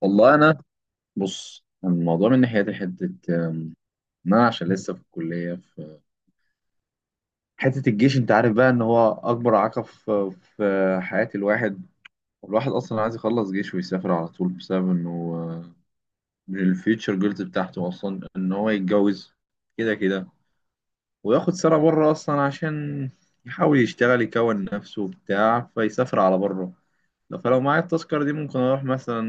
والله انا، بص الموضوع من ناحيتي حته ان انا عشان لسه في الكليه، في حته الجيش. انت عارف بقى ان هو اكبر عقب في حياه الواحد. الواحد اصلا عايز يخلص جيش ويسافر على طول بسبب انه من الفيوتشر جولز بتاعته اصلا ان هو يتجوز كده كده، وياخد سنه بره اصلا عشان يحاول يشتغل يكون نفسه وبتاع، فيسافر على بره. فلو معايا التذكره دي ممكن اروح مثلا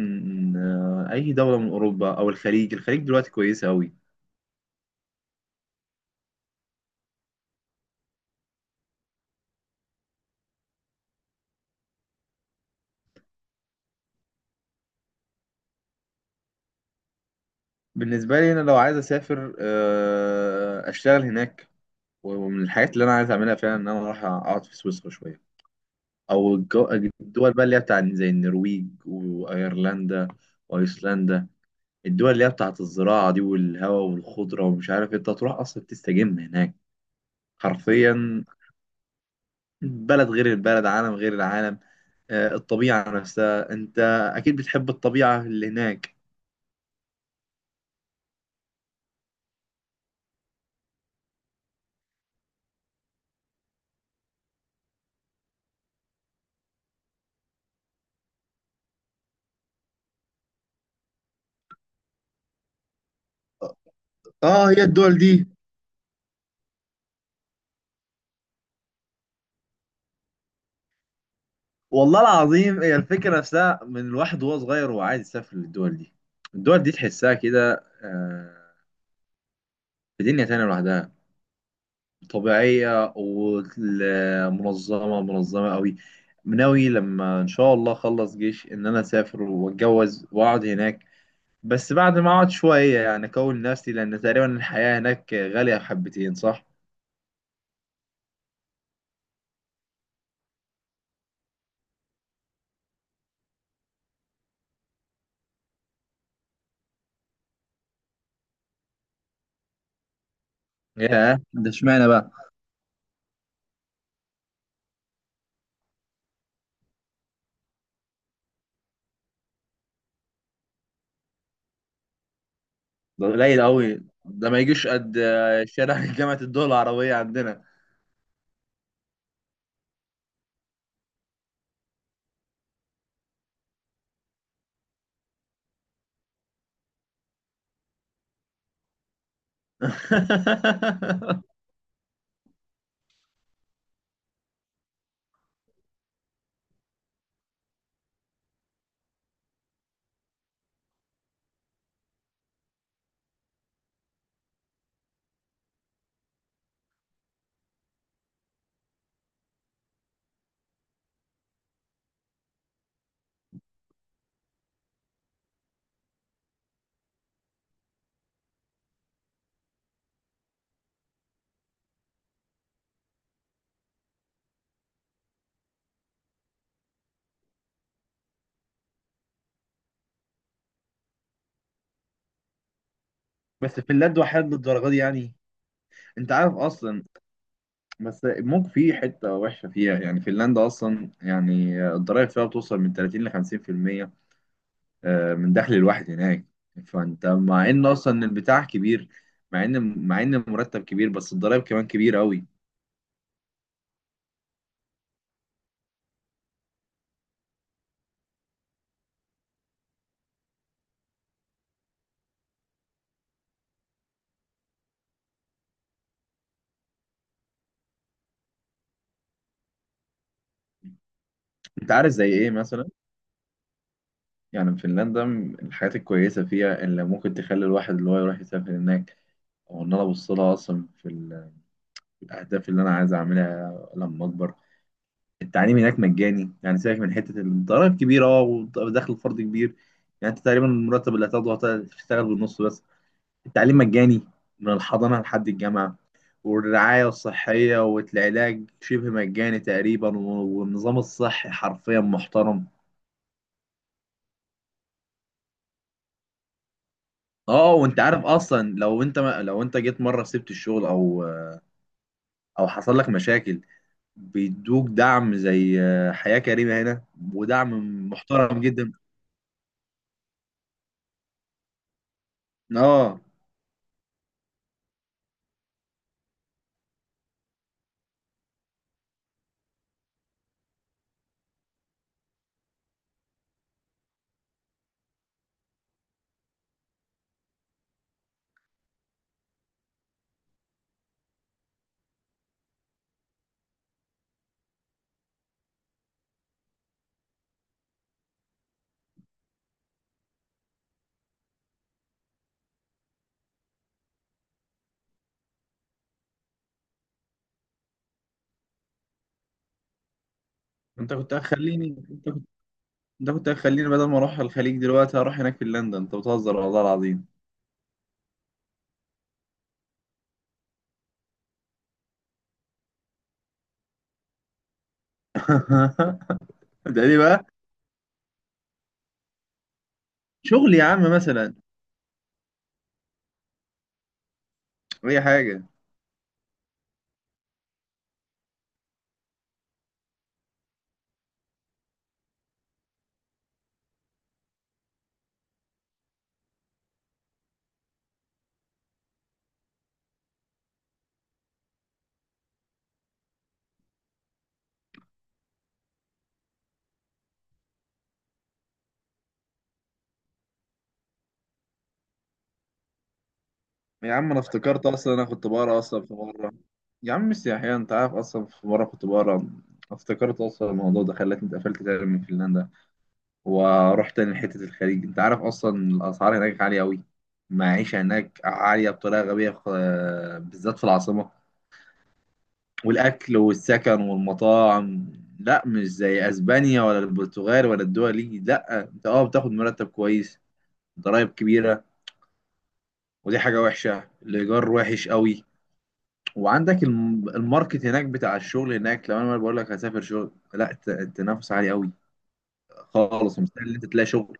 آه، اي دوله من اوروبا او الخليج. الخليج دلوقتي كويسه قوي. بالنسبة لي أنا لو عايز أسافر أشتغل هناك، ومن الحاجات اللي أنا عايز أعملها فعلا إن أنا أروح أقعد في سويسرا شوية. أو الجو- الدول بقى اللي هي بتاع زي النرويج وأيرلندا وأيسلندا، الدول اللي هي بتاعت الزراعة دي والهواء والخضرة ومش عارف إيه، أنت تروح أصلا تستجم هناك حرفيا. بلد غير البلد، عالم غير العالم. الطبيعة نفسها، أنت أكيد بتحب الطبيعة اللي هناك. آه، آه، هي الدول دي. والله العظيم هي الفكرة نفسها من الواحد وهو صغير وهو عايز يسافر للدول دي. الدول دي تحسها كده آه، في دنيا تانية لوحدها، طبيعية ومنظمة منظمة قوي. ناوي لما إن شاء الله أخلص جيش إن أنا أسافر وأتجوز وأقعد هناك، بس بعد ما أقعد شوية يعني أكون نفسي، لأن تقريبا الحياة هناك غالية حبتين، صح؟ ياه، ده اشمعنى بقى؟ ده قليل قوي، ده ما يجيش قد شارع جامعة الدول العربية عندنا. بس فنلندا وحيد للدرجه دي يعني، انت عارف اصلا. بس ممكن في حته وحشه فيها، يعني فنلندا اصلا، يعني الضرايب فيها بتوصل من 30 ل 50% من دخل الواحد هناك. فانت مع ان اصلا البتاع كبير، مع ان المرتب كبير، بس الضرايب كمان كبيره قوي. انت عارف زي ايه مثلا؟ يعني فنلندا من الحاجات الكويسه فيها اللي ممكن تخلي الواحد اللي هو يروح يسافر هناك، او ان انا ابص لها اصلا في الاهداف اللي انا عايز اعملها لما اكبر. التعليم هناك مجاني، يعني سيبك من حته الضرايب كبيره، اه، ودخل الفرد كبير. يعني انت تقريبا المرتب اللي هتاخده هتشتغل بالنص بس. التعليم مجاني من الحضانه لحد الجامعه، والرعايه الصحيه والعلاج شبه مجاني تقريبا، والنظام الصحي حرفيا محترم. اه، وانت عارف اصلا لو انت ما لو انت جيت مره سبت الشغل او حصل لك مشاكل، بيدوك دعم زي حياه كريمه هنا، ودعم محترم جدا. اه، انت كنت هتخليني انت ده كنت هتخليني بدل ما اروح الخليج دلوقتي اروح هناك في لندن، انت بتهزر والله العظيم. ده ليه بقى؟ شغل يا عم مثلا، اي حاجه. يا عم انا افتكرت اصلا، انا كنت بقرا اصلا في مره، يا عم السياحيه، انت عارف اصلا في مره كنت بقرا، افتكرت اصلا الموضوع ده خلتني اتقفلت تاني من فنلندا. ورحت تاني لحته الخليج، انت عارف اصلا الاسعار هناك عاليه قوي. المعيشه هناك عاليه بطريقه غبيه بالذات في العاصمه، والاكل والسكن والمطاعم. لا مش زي اسبانيا ولا البرتغال ولا الدول دي، لا انت اه بتاخد مرتب كويس، ضرايب كبيره، ودي حاجه وحشه، الايجار وحش قوي. وعندك الماركت هناك بتاع الشغل هناك، لو انا بقول لك هسافر شغل، لا التنافس عالي قوي خالص، مستحيل ان انت تلاقي شغل.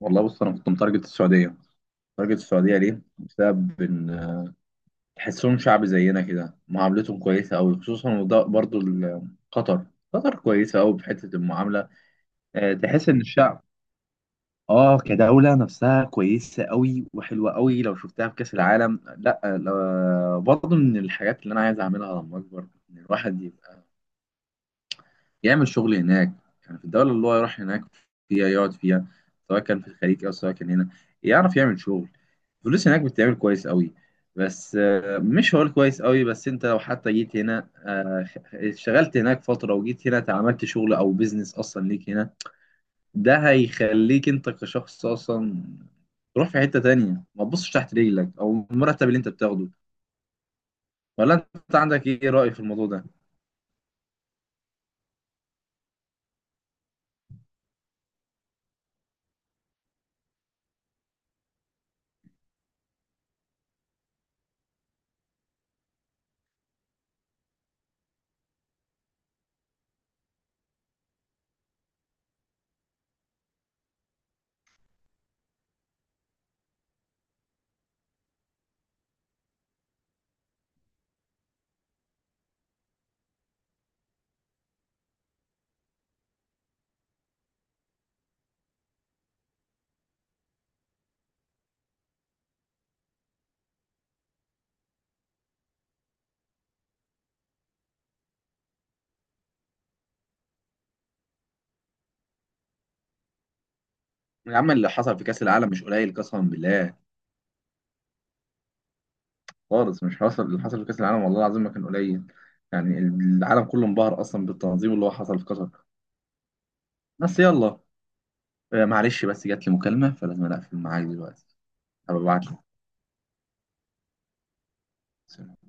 والله بص انا كنت متارجت السعوديه، تارجت السعوديه ليه؟ بسبب ان تحسهم شعب زينا كده، معاملتهم كويسة أوي، خصوصا وده برضو قطر. قطر كويسة أوي في حتة المعاملة. تحس إن الشعب كدولة نفسها كويسة أوي وحلوة أوي لو شفتها في كأس العالم. لا، برضو من الحاجات اللي أنا عايز أعملها لما أكبر إن الواحد يعمل شغل هناك، يعني في الدولة اللي هو يروح هناك فيها يقعد فيها، سواء كان في الخليج أو سواء كان هنا، يعرف يعمل شغل. الفلوس هناك بتتعمل كويس قوي. بس مش هقول كويس قوي، بس انت لو حتى جيت هنا اشتغلت هناك فترة وجيت هنا اتعملت شغل او بيزنس اصلا ليك هنا، ده هيخليك انت كشخص اصلا تروح في حتة تانية ما تبصش تحت رجلك او المرتب اللي انت بتاخده. ولا انت عندك ايه رأي في الموضوع ده؟ العمل اللي حصل في كأس العالم مش قليل قسما بالله، خالص. مش حصل اللي حصل في كأس العالم والله العظيم ما كان قليل، يعني العالم كله انبهر أصلا بالتنظيم اللي هو حصل في قطر. بس يلا، معلش، بس جات لي مكالمة فلازم أقفل معاك دلوقتي. هبقى أبعت لك.